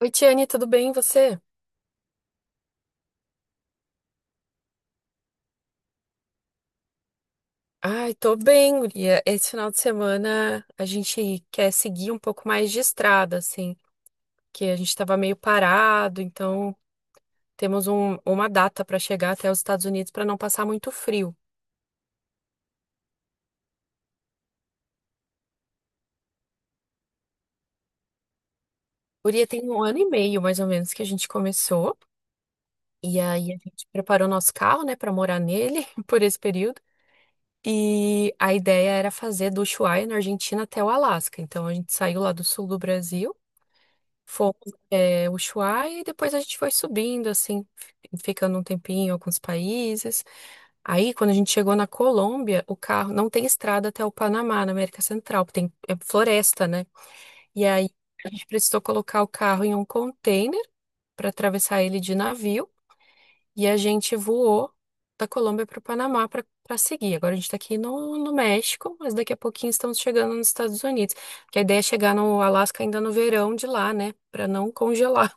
Oi, Tiane, tudo bem? E você? Ai, tô bem, guria. Esse final de semana a gente quer seguir um pouco mais de estrada, assim, que a gente tava meio parado, então temos uma data para chegar até os Estados Unidos para não passar muito frio. Guria, tem um ano e meio, mais ou menos, que a gente começou, e aí a gente preparou nosso carro, né, para morar nele por esse período. E a ideia era fazer do Ushuaia, na Argentina, até o Alasca. Então a gente saiu lá do sul do Brasil. Fomos Ushuaia e depois a gente foi subindo, assim, ficando um tempinho em alguns países. Aí, quando a gente chegou na Colômbia, o carro não tem estrada até o Panamá, na América Central, porque tem é floresta, né? E aí a gente precisou colocar o carro em um container para atravessar ele de navio e a gente voou da Colômbia para o Panamá para seguir. Agora a gente está aqui no México, mas daqui a pouquinho estamos chegando nos Estados Unidos. Porque a ideia é chegar no Alasca ainda no verão de lá, né? Para não congelar.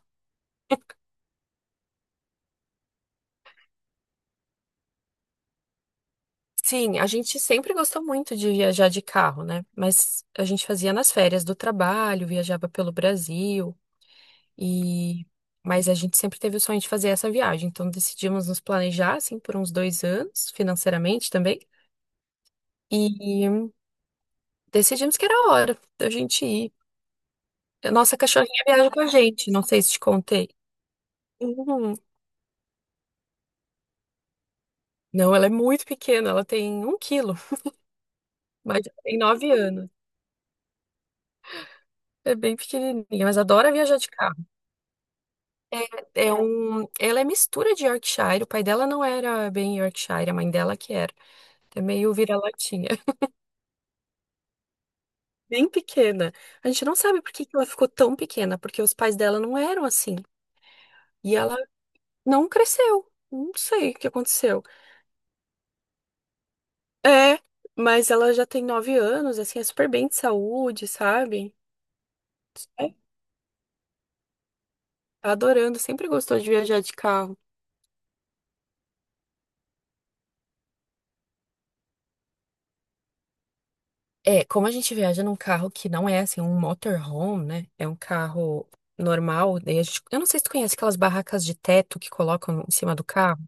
Sim, a gente sempre gostou muito de viajar de carro, né? Mas a gente fazia nas férias do trabalho, viajava pelo Brasil e mas a gente sempre teve o sonho de fazer essa viagem, então decidimos nos planejar assim por uns 2 anos, financeiramente também, e decidimos que era a hora da gente ir. A nossa cachorrinha viaja com a gente, não sei se te contei. Uhum. Não, ela é muito pequena, ela tem 1 quilo, mas ela tem 9 anos. É bem pequenininha, mas adora viajar de carro. Ela é mistura de Yorkshire. O pai dela não era bem Yorkshire, a mãe dela que era. É meio vira-latinha. Bem pequena. A gente não sabe por que que ela ficou tão pequena, porque os pais dela não eram assim. E ela não cresceu. Não sei o que aconteceu. É, mas ela já tem 9 anos, assim, é super bem de saúde, sabe? É, tá adorando, sempre gostou de viajar de carro. É, como a gente viaja num carro que não é assim um motorhome, né? É um carro normal. Daí a gente, eu não sei se tu conhece aquelas barracas de teto que colocam em cima do carro.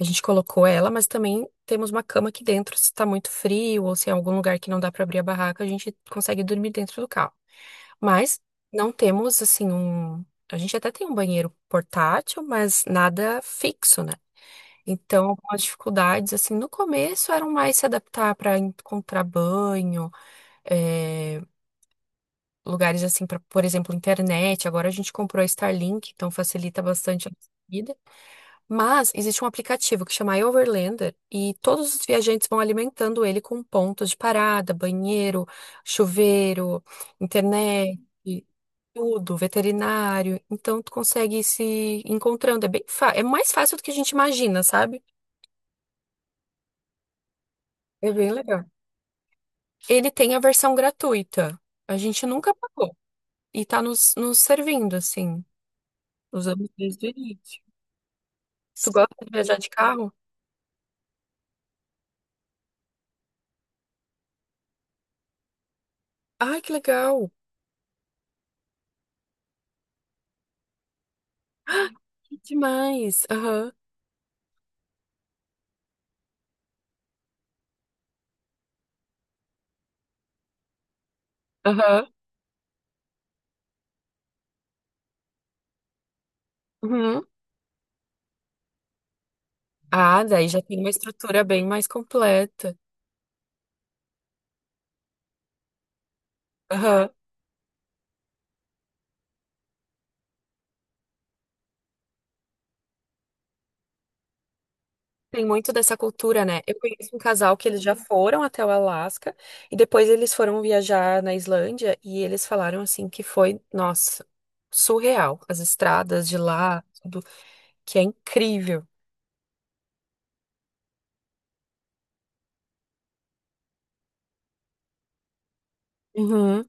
A gente colocou ela, mas também temos uma cama aqui dentro. Se tá muito frio ou se é algum lugar que não dá pra abrir a barraca, a gente consegue dormir dentro do carro. Mas não temos assim um. A gente até tem um banheiro portátil, mas nada fixo, né? Então, algumas dificuldades, assim, no começo eram mais se adaptar para encontrar banho, eh, lugares assim, pra, por exemplo, internet. Agora a gente comprou a Starlink, então facilita bastante a nossa vida. Mas existe um aplicativo que chama iOverlander e todos os viajantes vão alimentando ele com pontos de parada, banheiro, chuveiro, internet. Tudo, veterinário, então tu consegue ir se encontrando. É mais fácil do que a gente imagina, sabe? É bem legal. Ele tem a versão gratuita. A gente nunca pagou. E tá nos servindo, assim. Usamos desde o início. Tu gosta de viajar de carro? Ai, que legal! Que Demais! Aham, aham, uhum. Ah, daí já tem uma estrutura bem mais completa. Aham. Tem muito dessa cultura, né? Eu conheço um casal que eles já foram até o Alasca e depois eles foram viajar na Islândia e eles falaram assim que foi, nossa, surreal. As estradas de lá, tudo, que é incrível. Uhum.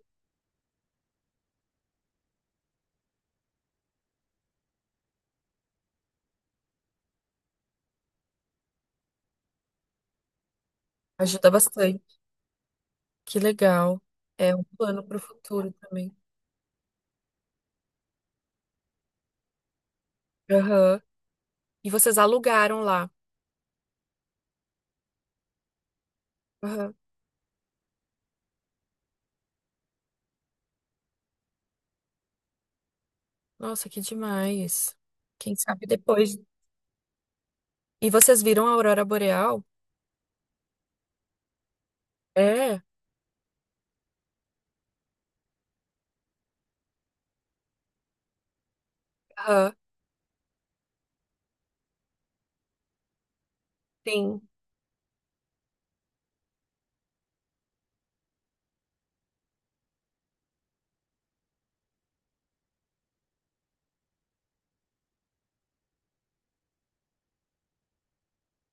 Ajuda bastante. Que legal. É um plano para o futuro também. Aham. E vocês alugaram lá. Aham. Nossa, que demais. Quem sabe depois. E vocês viram a aurora boreal? É. Aham. Sim.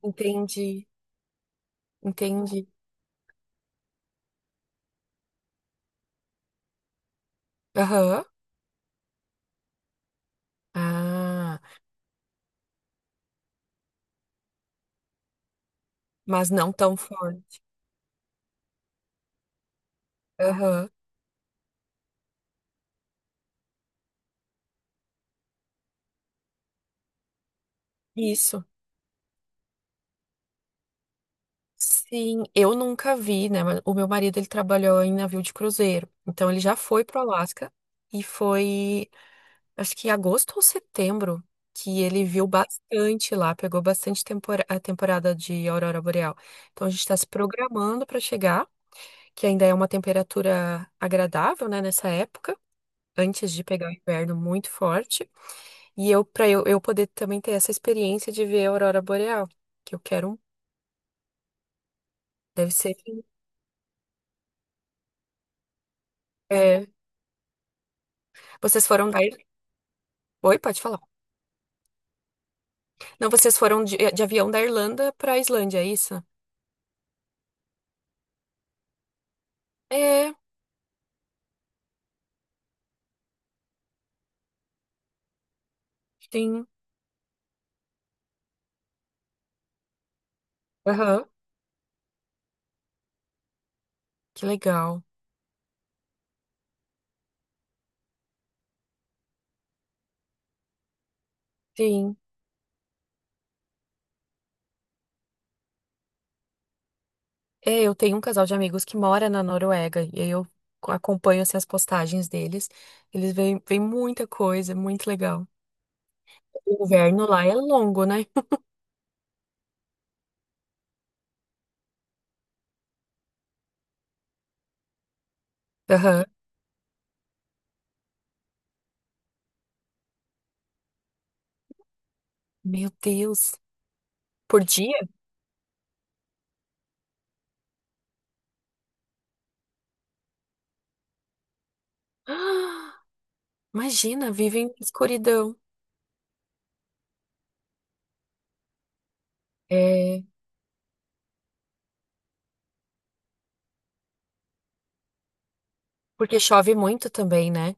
Entendi. Entendi. Aham. Ah, mas não tão forte. Aham. Isso. Sim, eu nunca vi, né? Mas o meu marido, ele trabalhou em navio de cruzeiro. Então, ele já foi pro Alasca e foi. Acho que em agosto ou setembro, que ele viu bastante lá, pegou bastante a temporada de aurora boreal. Então a gente está se programando para chegar, que ainda é uma temperatura agradável, né, nessa época. Antes de pegar o inverno muito forte. E eu, para eu poder também ter essa experiência de ver a aurora boreal, que eu quero. Deve ser que. é, Vocês foram da. Oi, pode falar. Não, vocês foram de avião da Irlanda para a Islândia, é isso? É, sim. Aham, que legal. Sim. É, eu tenho um casal de amigos que mora na Noruega e aí eu acompanho assim, as postagens deles. Eles veem muita coisa, muito legal. O inverno lá é longo, né? Aham. Meu Deus. Por dia? Ah, imagina, vivem em escuridão. É, porque chove muito também, né?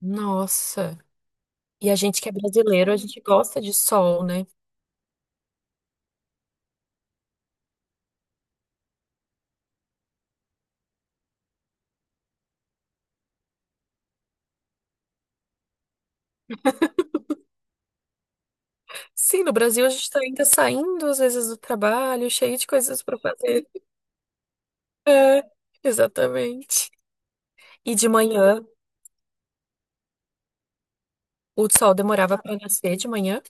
Nossa. E a gente que é brasileiro, a gente gosta de sol, né? Sim, no Brasil a gente tá ainda saindo às vezes do trabalho, cheio de coisas pra fazer. É, exatamente. E de manhã. O sol demorava para nascer de manhã?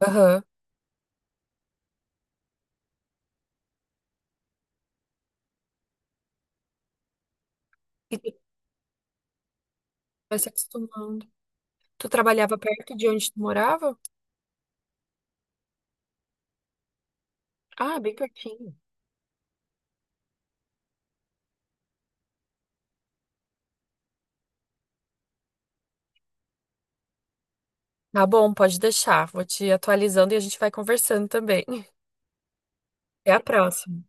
Aham. E tu vai se acostumando. Tu trabalhava perto de onde tu morava? Ah, bem pertinho. Tá bom, pode deixar. Vou te atualizando e a gente vai conversando também. Até a próxima.